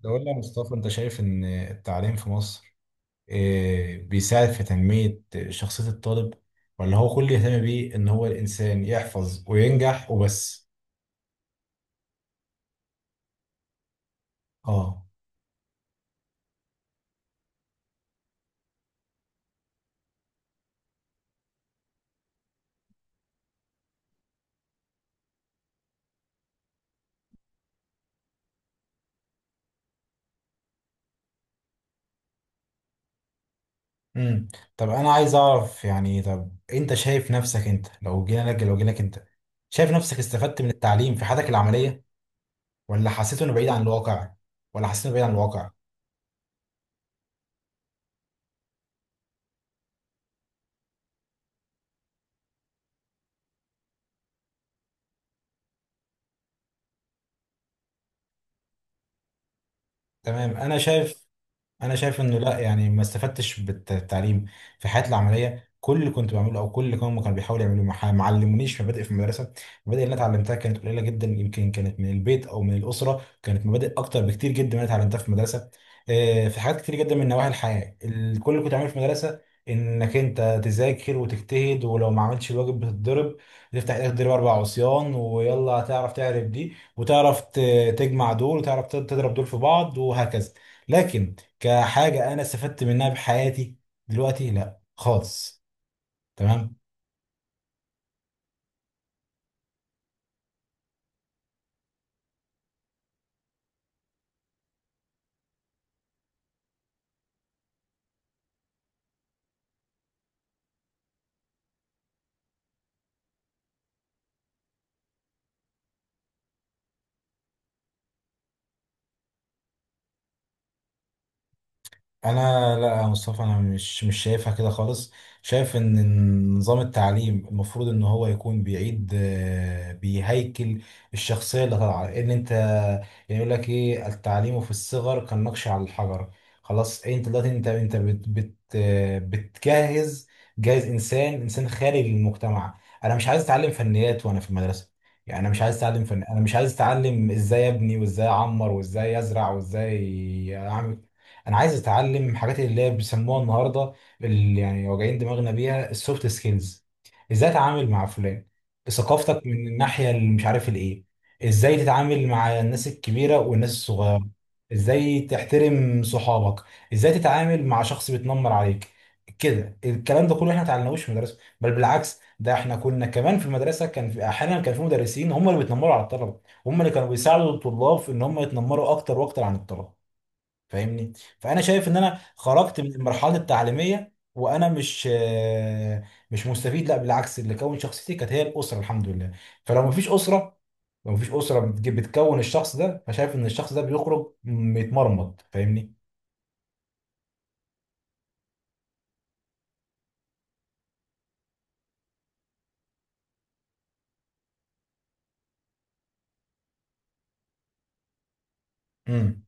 ده قول لي يا مصطفى، انت شايف ان التعليم في مصر بيساعد في تنمية شخصية الطالب، ولا هو كل اللي يهتم بيه ان هو الانسان يحفظ وينجح وبس؟ اه. امم طب انا عايز اعرف. يعني طب انت شايف نفسك، انت لو جينا لك لو جيلك، انت شايف نفسك استفدت من التعليم في حياتك العملية ولا حسيت انه بعيد عن الواقع؟ ولا حسيت انه بعيد عن الواقع؟ تمام. انا شايف انه لا، يعني ما استفدتش بالتعليم في حياتي العمليه. كل اللي كنت بعمله او كل اللي هم كانوا بيحاولوا يعملوه، ما علمونيش مبادئ في المدرسه. المبادئ اللي انا اتعلمتها كانت قليله جدا، يمكن كانت من البيت او من الاسره، كانت مبادئ اكتر بكتير جدا من اللي اتعلمتها في المدرسه. في حاجات كتير جدا من نواحي الحياه. كل اللي كنت بعمله في المدرسه انك انت تذاكر وتجتهد، ولو ما عملتش الواجب بتتضرب، تفتح ايدك تضرب اربع عصيان ويلا هتعرف، تعرف دي وتعرف تجمع دول وتعرف تضرب دول في بعض وهكذا. لكن كحاجة أنا استفدت منها بحياتي دلوقتي، لا خالص. تمام. انا لا يا مصطفى، انا مش شايفها كده خالص. شايف ان نظام التعليم المفروض ان هو يكون بيعيد، بيهيكل الشخصيه اللي طالعه. ان انت يعني يقول لك ايه، التعليم في الصغر كالنقش على الحجر. خلاص انت دلوقتي انت انت بت بت آه، بتجهز، جاهز، انسان خارج للمجتمع. انا مش عايز اتعلم فنيات وانا في المدرسه. يعني انا مش عايز اتعلم فن، انا مش عايز اتعلم ازاي ابني وازاي اعمر وازاي ازرع وازاي اعمل. انا عايز اتعلم حاجات اللي هي بيسموها النهارده، اللي يعني واجعين دماغنا بيها، السوفت سكيلز. ازاي اتعامل مع فلان، ثقافتك من الناحيه اللي مش عارف الايه، ازاي تتعامل مع الناس الكبيره والناس الصغيره، ازاي تحترم صحابك، ازاي تتعامل مع شخص بيتنمر عليك. كده الكلام ده كله احنا ما اتعلمناهوش في المدرسه، بل بالعكس ده احنا كنا كمان في المدرسه كان في احيانا كان في مدرسين هم اللي بيتنمروا على الطلبه، هم اللي كانوا بيساعدوا الطلاب في ان هم يتنمروا اكتر واكتر عن الطلبه. فاهمني؟ فانا شايف ان انا خرجت من المرحله التعليميه وانا مش مستفيد. لا بالعكس، اللي كون شخصيتي كانت هي الاسره، الحمد لله. فلو مفيش اسره، لو مفيش اسره بتكون الشخص ده، فشايف ان الشخص ده بيخرج متمرمط. فاهمني؟ امم.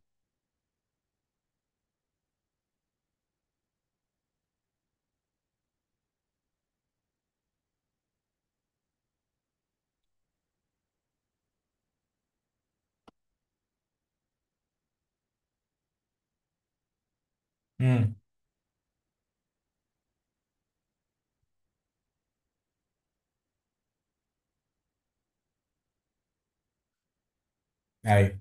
امم. ايوه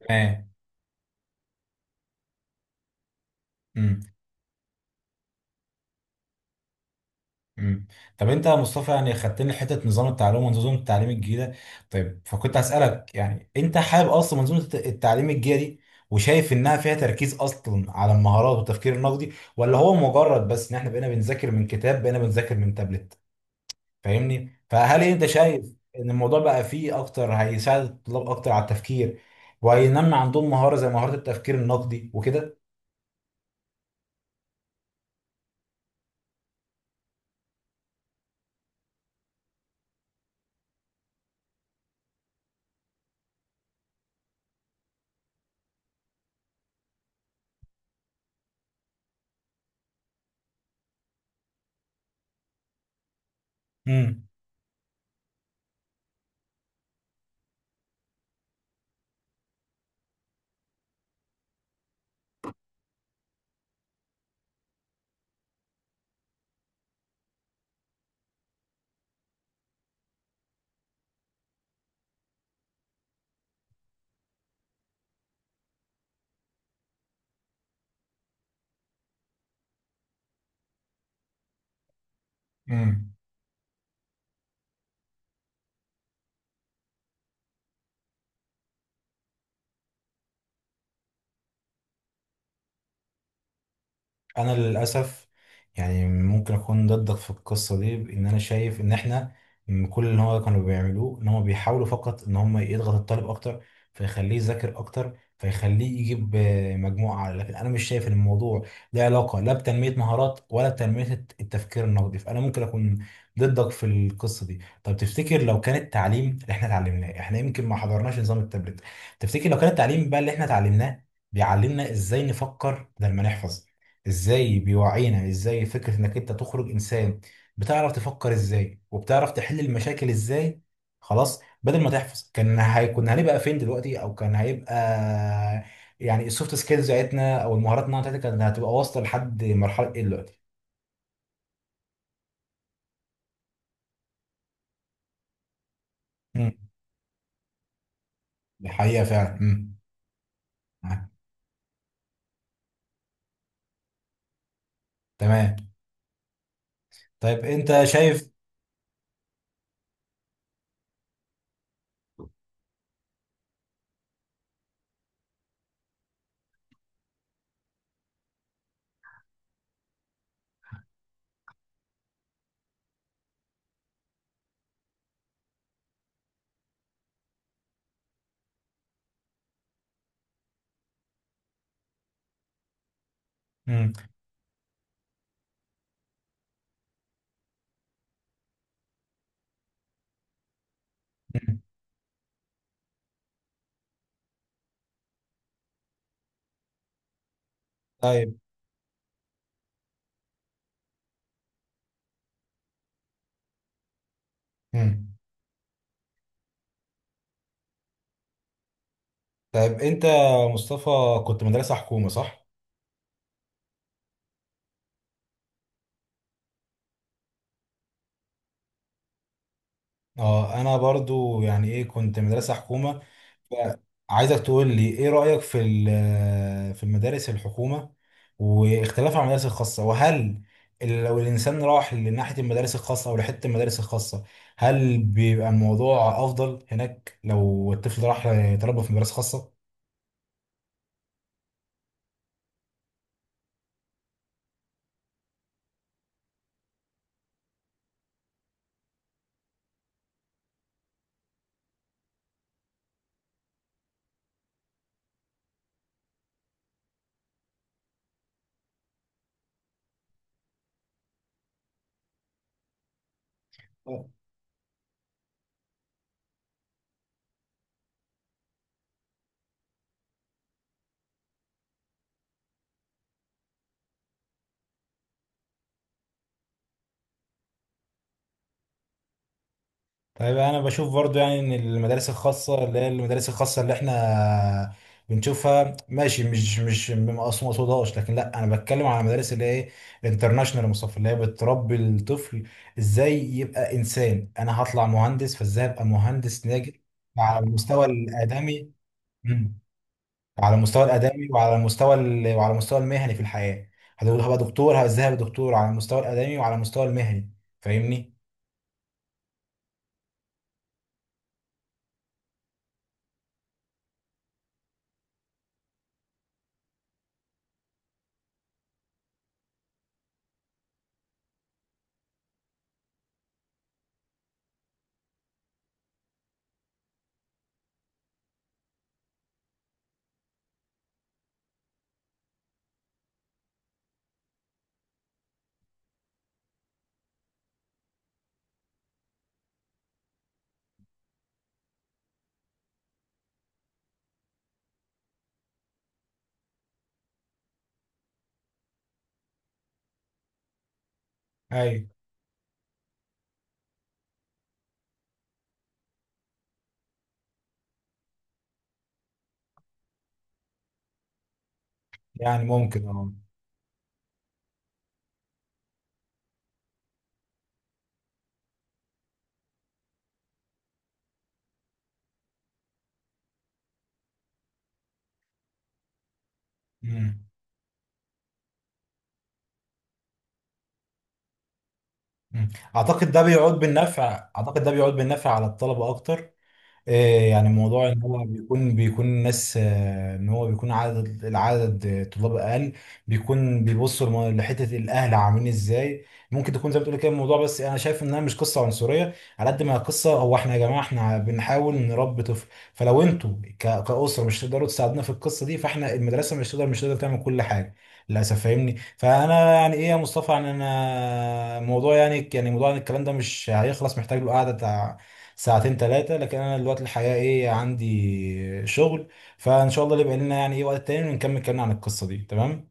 تمام. مم. مم. طب انت يا مصطفى يعني خدتني حته نظام التعلم ونظام التعليم الجديده. طيب فكنت هسالك، يعني انت حابب اصلا منظومه التعليم الجديده دي وشايف انها فيها تركيز اصلا على المهارات والتفكير النقدي، ولا هو مجرد بس ان احنا بقينا بنذاكر من كتاب بقينا بنذاكر من تابلت؟ فاهمني؟ فهل انت شايف ان الموضوع بقى فيه اكتر، هيساعد الطلاب اكتر على التفكير وهينمي عندهم مهاره زي مهاره التفكير النقدي وكده؟ امم. انا للاسف يعني ممكن اكون ضدك في القصه دي. ان انا شايف ان احنا، كل اللي هو كانوا بيعملوه ان هم بيحاولوا فقط ان هم يضغط الطالب اكتر فيخليه يذاكر اكتر فيخليه يجيب مجموعه اعلى. لكن انا مش شايف ان الموضوع له علاقه لا بتنميه مهارات ولا بتنميه التفكير النقدي. فانا ممكن اكون ضدك في القصه دي. طب تفتكر لو كان التعليم اللي احنا اتعلمناه، احنا يمكن ما حضرناش نظام التابلت، تفتكر لو كان التعليم بقى اللي احنا اتعلمناه بيعلمنا ازاي نفكر بدل ما نحفظ، ازاي بيوعينا، ازاي فكرة انك انت تخرج انسان بتعرف تفكر ازاي وبتعرف تحل المشاكل ازاي، خلاص بدل ما تحفظ، كان هيكون هنبقى فين دلوقتي؟ او كان هيبقى يعني السوفت سكيلز بتاعتنا او المهارات النوعية بتاعتنا كانت هتبقى واصلة لحد مرحلة ايه دلوقتي؟ امم. دي حقيقة فعلا. امم. آه، تمام. طيب انت شايف. امم. أمم. طيب. امم. طيب انت يا مصطفى كنت مدرسة حكومة، صح؟ اه انا برضو يعني ايه كنت مدرسة حكومة. عايزك تقول لي ايه رأيك في في المدارس الحكومة واختلافها عن المدارس الخاصة، وهل لو الإنسان راح لناحية المدارس الخاصة أو لحتة المدارس الخاصة، هل بيبقى الموضوع أفضل هناك لو الطفل راح تربى في مدارس خاصة؟ طيب انا بشوف برضو يعني ان المدارس الخاصه، اللي هي المدارس الخاصه اللي احنا بنشوفها ماشي، مش مقصوم مقصودهاش، لكن لا انا بتكلم على المدارس اللي هي الانترناشونال يا مصطفى، اللي هي بتربي الطفل ازاي يبقى انسان. انا هطلع مهندس، فازاي ابقى مهندس ناجح على المستوى الادمي. مم. على المستوى الادمي وعلى المستوى وعلى المستوى المهني في الحياه. هبقى دكتور ازاي، هبقى دكتور على المستوى الادمي وعلى المستوى المهني. فاهمني؟ ايوه يعني ممكن اه. مم. مم. اعتقد ده بيعود بالنفع، اعتقد ده بيعود بالنفع على الطلبه اكتر. إيه يعني موضوع ان هو بيكون الناس ان هو بيكون عدد العدد آه، طلاب اقل، بيكون بيبصوا لحته الاهل عاملين ازاي. ممكن تكون زي ما بتقول كده الموضوع، بس انا شايف انها مش قصه عنصريه على قد ما هي قصه هو احنا يا جماعه احنا بنحاول نربي طفل، فلو انتوا كاسره مش تقدروا تساعدونا في القصه دي، فاحنا المدرسه مش تقدر تعمل كل حاجه للاسف. فاهمني؟ فانا يعني ايه يا مصطفى، يعني انا موضوع يعني، يعني موضوع الكلام ده مش هيخلص، محتاج له قعده ساعتين 3. لكن أنا دلوقتي الحقيقة إيه عندي شغل، فإن شاء الله اللي بقى لنا يعني إيه وقت تاني ونكمل كلامنا عن القصة دي، تمام؟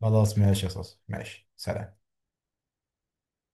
خلاص ماشي يا صاصة، ماشي سلام.